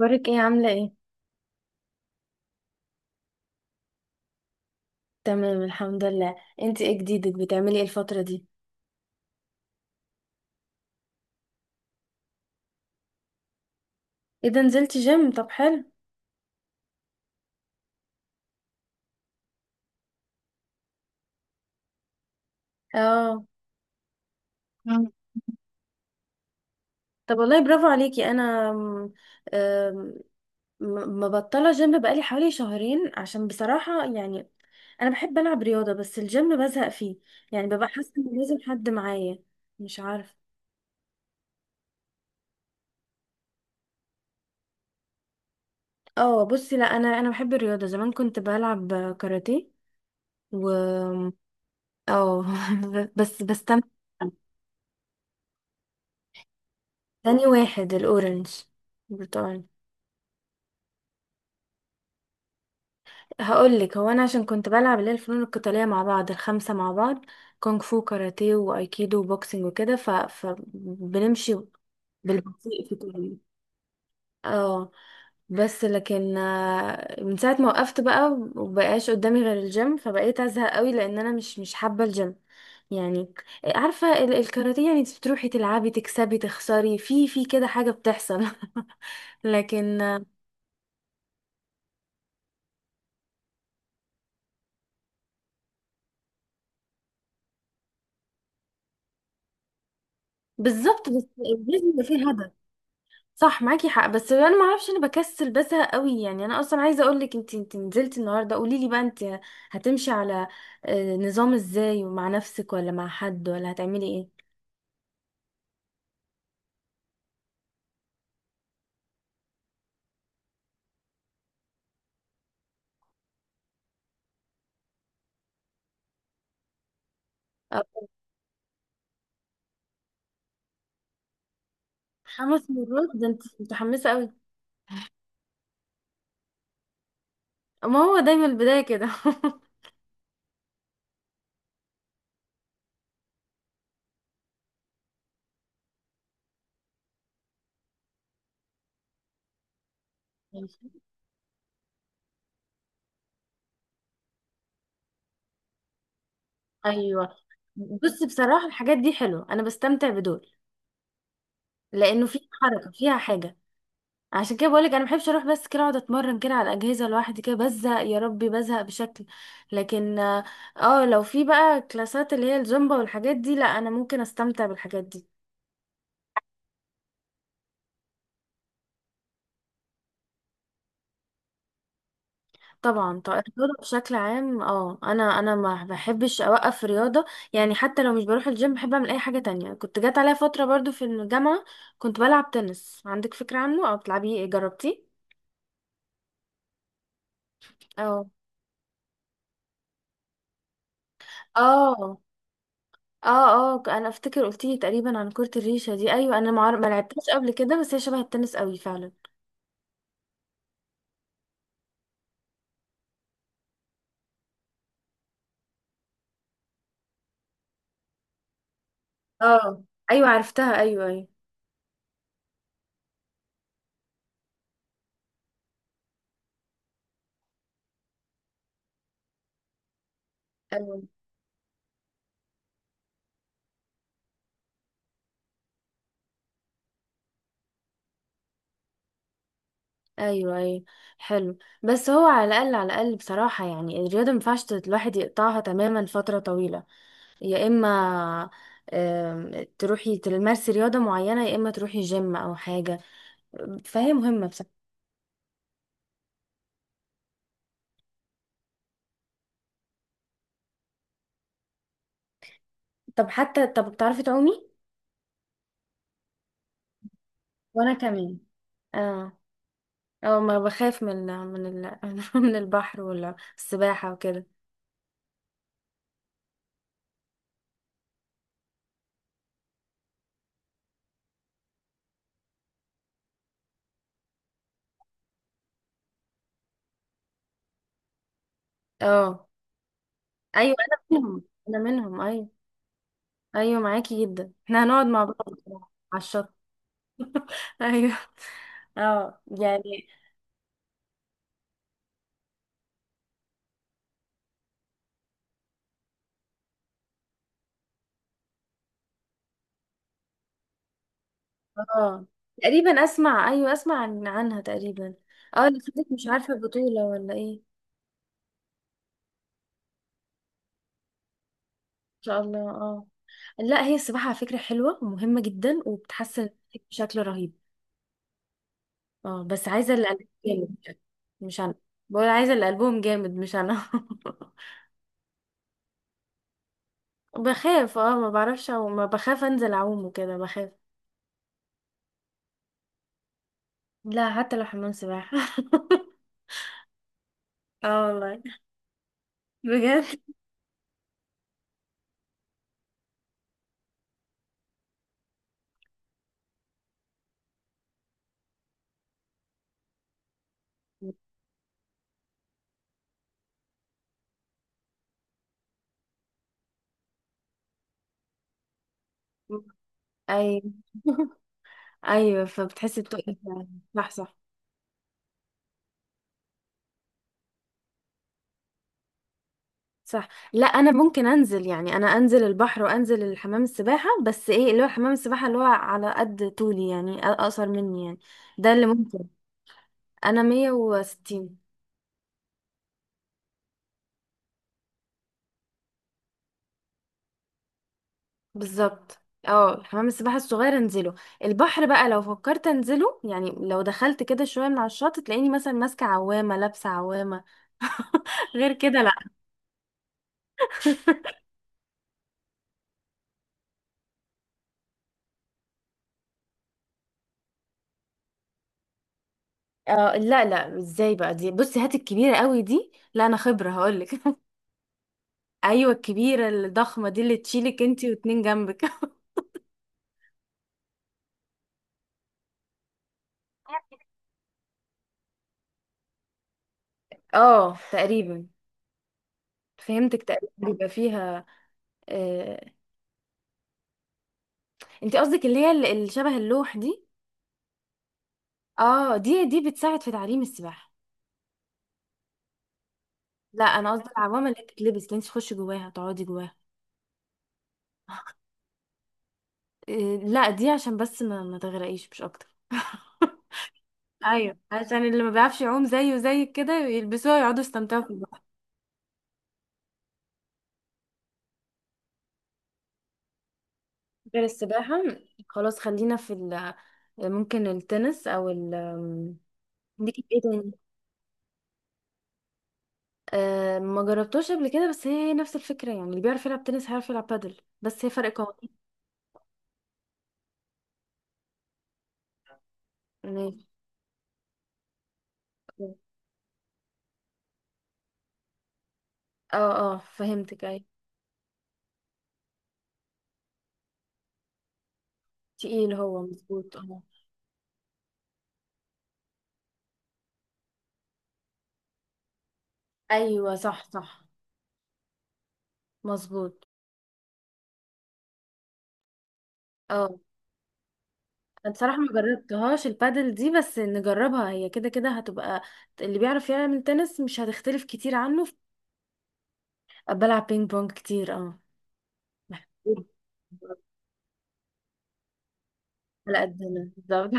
اخبارك ايه عاملة ايه؟ تمام، الحمد لله. انتي ايه جديدك؟ بتعملي ايه الفترة دي؟ ايه ده، نزلتي جيم؟ طب حلو. اه. طب والله برافو عليكي. انا آم، مبطلة جيم بقالي حوالي شهرين، عشان بصراحة يعني انا بحب العب رياضة بس الجيم بزهق فيه. يعني ببقى حاسة ان لازم حد معايا. مش عارفة. اه بصي، لا، انا بحب الرياضة. زمان كنت بلعب كاراتيه و اه بس بستمتع. تاني واحد، الاورنج، برتقال. هقول لك، هو انا عشان كنت بلعب اللي هي الفنون القتاليه مع بعض، الخمسه مع بعض: كونغ فو، كاراتيه، وايكيدو، وبوكسنج، وكده، فبنمشي بالبطيء في كله. اه. بس لكن من ساعه ما وقفت بقى، ومبقاش قدامي غير الجيم، فبقيت ازهق قوي لان انا مش حابه الجيم يعني. عارفه الكاراتيه، يعني انت بتروحي تلعبي تكسبي تخسري، في كده حاجه بتحصل. لكن بالظبط، بس لازم يبقى فيه هدف. صح، معاكي حق، بس انا ما اعرفش، انا بكسل بزهق قوي يعني. انا اصلا عايزه اقول لك، انت نزلتي النهارده قولي لي بقى، انت هتمشي على نظام ازاي؟ ومع نفسك ولا مع حد ولا هتعملي ايه؟ آه، خمس مرات؟ ده انت متحمسه قوي. ما هو دايما البدايه كده. ماشي. ايوه بصي، بصراحه الحاجات دي حلوه، انا بستمتع بدول لانه فيها حركه، فيها حاجه. عشان كده بقولك انا محبش اروح بس كده اقعد اتمرن كده على الاجهزه لوحدي، كده بزهق، يا ربي بزهق بشكل، لكن لو في بقى كلاسات اللي هي الزومبا والحاجات دي، لا انا ممكن استمتع بالحاجات دي. طبعا. طيب الرياضه بشكل عام، انا ما بحبش اوقف رياضه، يعني حتى لو مش بروح الجيم بحب اعمل اي حاجه تانية. كنت جات عليا فتره برضو في الجامعه كنت بلعب تنس. عندك فكره عنه او بتلعبيه إيه؟ جربتيه؟ اه. اه. اه. اه. انا افتكر قلتيلي تقريبا عن كرة الريشة دي. ايوه، انا ما لعبتهاش قبل كده، بس هي شبه التنس قوي فعلا. اه. ايوه عرفتها، ايوه، ايوه، ايوه، ايوه. ايوه. حلو. بس هو على الاقل، على الاقل بصراحه يعني الرياضه ما ينفعش الواحد يقطعها تماما فتره طويله. يا اما تروحي تمارسي رياضه معينه، يا اما تروحي جيم او حاجه. فهي مهمه بصراحه. طب حتى، طب بتعرفي تعومي؟ وانا كمان. اه، اه، ما بخاف من من البحر ولا السباحة وكده. اه. ايوه انا منهم. انا منهم، ايوه. ايوه معاكي جدا، احنا هنقعد مع بعض بصراحة على الشط. ايوه. اه يعني. اه تقريبا اسمع، ايوه اسمع عنها تقريبا. اه اللي خدت مش عارفة بطولة ولا ايه. ان شاء الله. اه لا، هي السباحة على فكرة حلوة ومهمة جدا، وبتحسن بشكل رهيب. اه، بس عايزة اللي قلبهم جامد، مش انا. بقول عايزة اللي قلبهم جامد، مش انا. بخاف، ما بعرفش، او ما بخاف انزل اعوم وكده، بخاف. لا، حتى لو حمام سباحة. اه والله. بجد. ايوه. ايوه، فبتحسي بتقلي فعلا. صح، صح. صح، لا انا ممكن انزل، يعني انا انزل البحر وانزل الحمام السباحه، بس ايه، اللي هو حمام السباحه اللي هو على قد طولي، يعني اقصر مني يعني. ده اللي ممكن. انا 160. بالظبط. اه حمام السباحة الصغير انزله. البحر بقى لو فكرت انزله، يعني لو دخلت كده شوية من على الشط، تلاقيني مثلا ماسكة عوامة، لابسة عوامة، غير كده لا. اه، لا لا، ازاي بقى دي؟ بصي، هات الكبيرة قوي دي، لا انا خبرة هقولك. ايوه الكبيرة الضخمة دي، اللي تشيلك انتي واتنين جنبك. اه تقريبا، فهمتك تقريبا بيبقى فيها آه... انتي قصدك اللي هي اللي شبه اللوح دي؟ اه، دي بتساعد في تعليم السباحة. لا انا قصدي العوامه اللي بتتلبس، اللي انت تخشي جواها، تقعدي جواها. إيه، لا دي عشان بس ما تغرقيش، مش اكتر. ايوه، عشان اللي ما بيعرفش يعوم زيه وزيك كده يلبسوها، يقعدوا يستمتعوا في البحر. غير السباحه، خلاص خلينا في ممكن التنس او ليكي في ايه تاني؟ أه، ما جربتوش قبل كده، بس هي نفس الفكره، يعني اللي بيعرف يلعب تنس هيعرف يلعب بادل، بس هي فرق قوانين. ماشي. اه، اه، فهمتك. ايوه. تقيل، هو مظبوط، اه. ايوه، صح، صح. مظبوط. اه انا بصراحه ما جربتهاش البادل دي، بس نجربها، هي كده كده هتبقى اللي بيعرف يعمل تنس، مش هتختلف كتير عنه. بلعب بينج بونج كتير، اه. محبوب. على قدنا، بالظبط.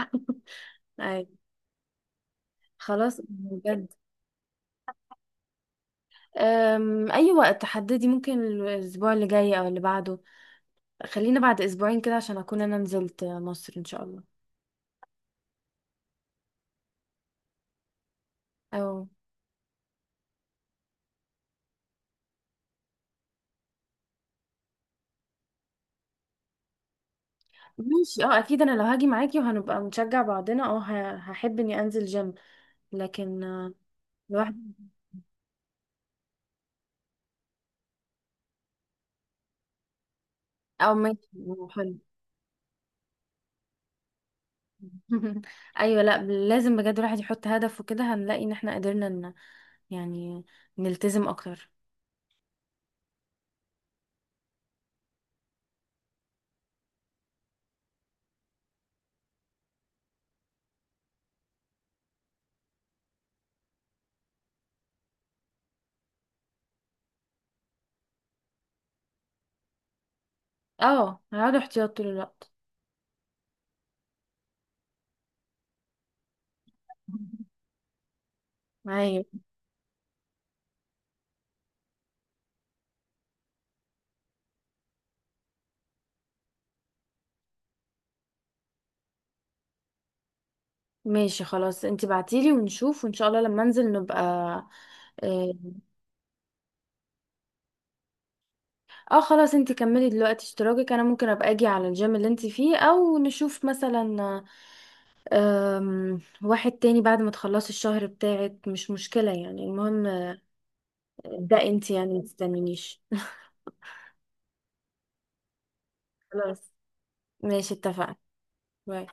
اي، خلاص، بجد. اي وقت تحددي، ممكن الاسبوع اللي جاي او اللي بعده. خلينا بعد اسبوعين كده، عشان اكون انا نزلت مصر ان شاء الله. او ماشي. اه اكيد، انا لو هاجي معاكي وهنبقى نشجع بعضنا، هحب اني انزل جيم. لكن لوحدي. او ماشي. أو حلو. ايوه، لا لازم بجد الواحد يحط هدف، وكده هنلاقي ان احنا قدرنا ان يعني نلتزم اكتر. اه هقعد احتياط طول الوقت. ايوه. ماشي، خلاص، انتي بعتيلي ونشوف، وان شاء الله لما انزل نبقى خلاص، انتي كملي دلوقتي اشتراكك، انا ممكن ابقى اجي على الجيم اللي انتي فيه، او نشوف مثلا واحد تاني بعد ما تخلصي الشهر بتاعك، مش مشكلة يعني، المهم. ده انتي يعني متستنينيش. خلاص. ماشي، اتفقنا. باي.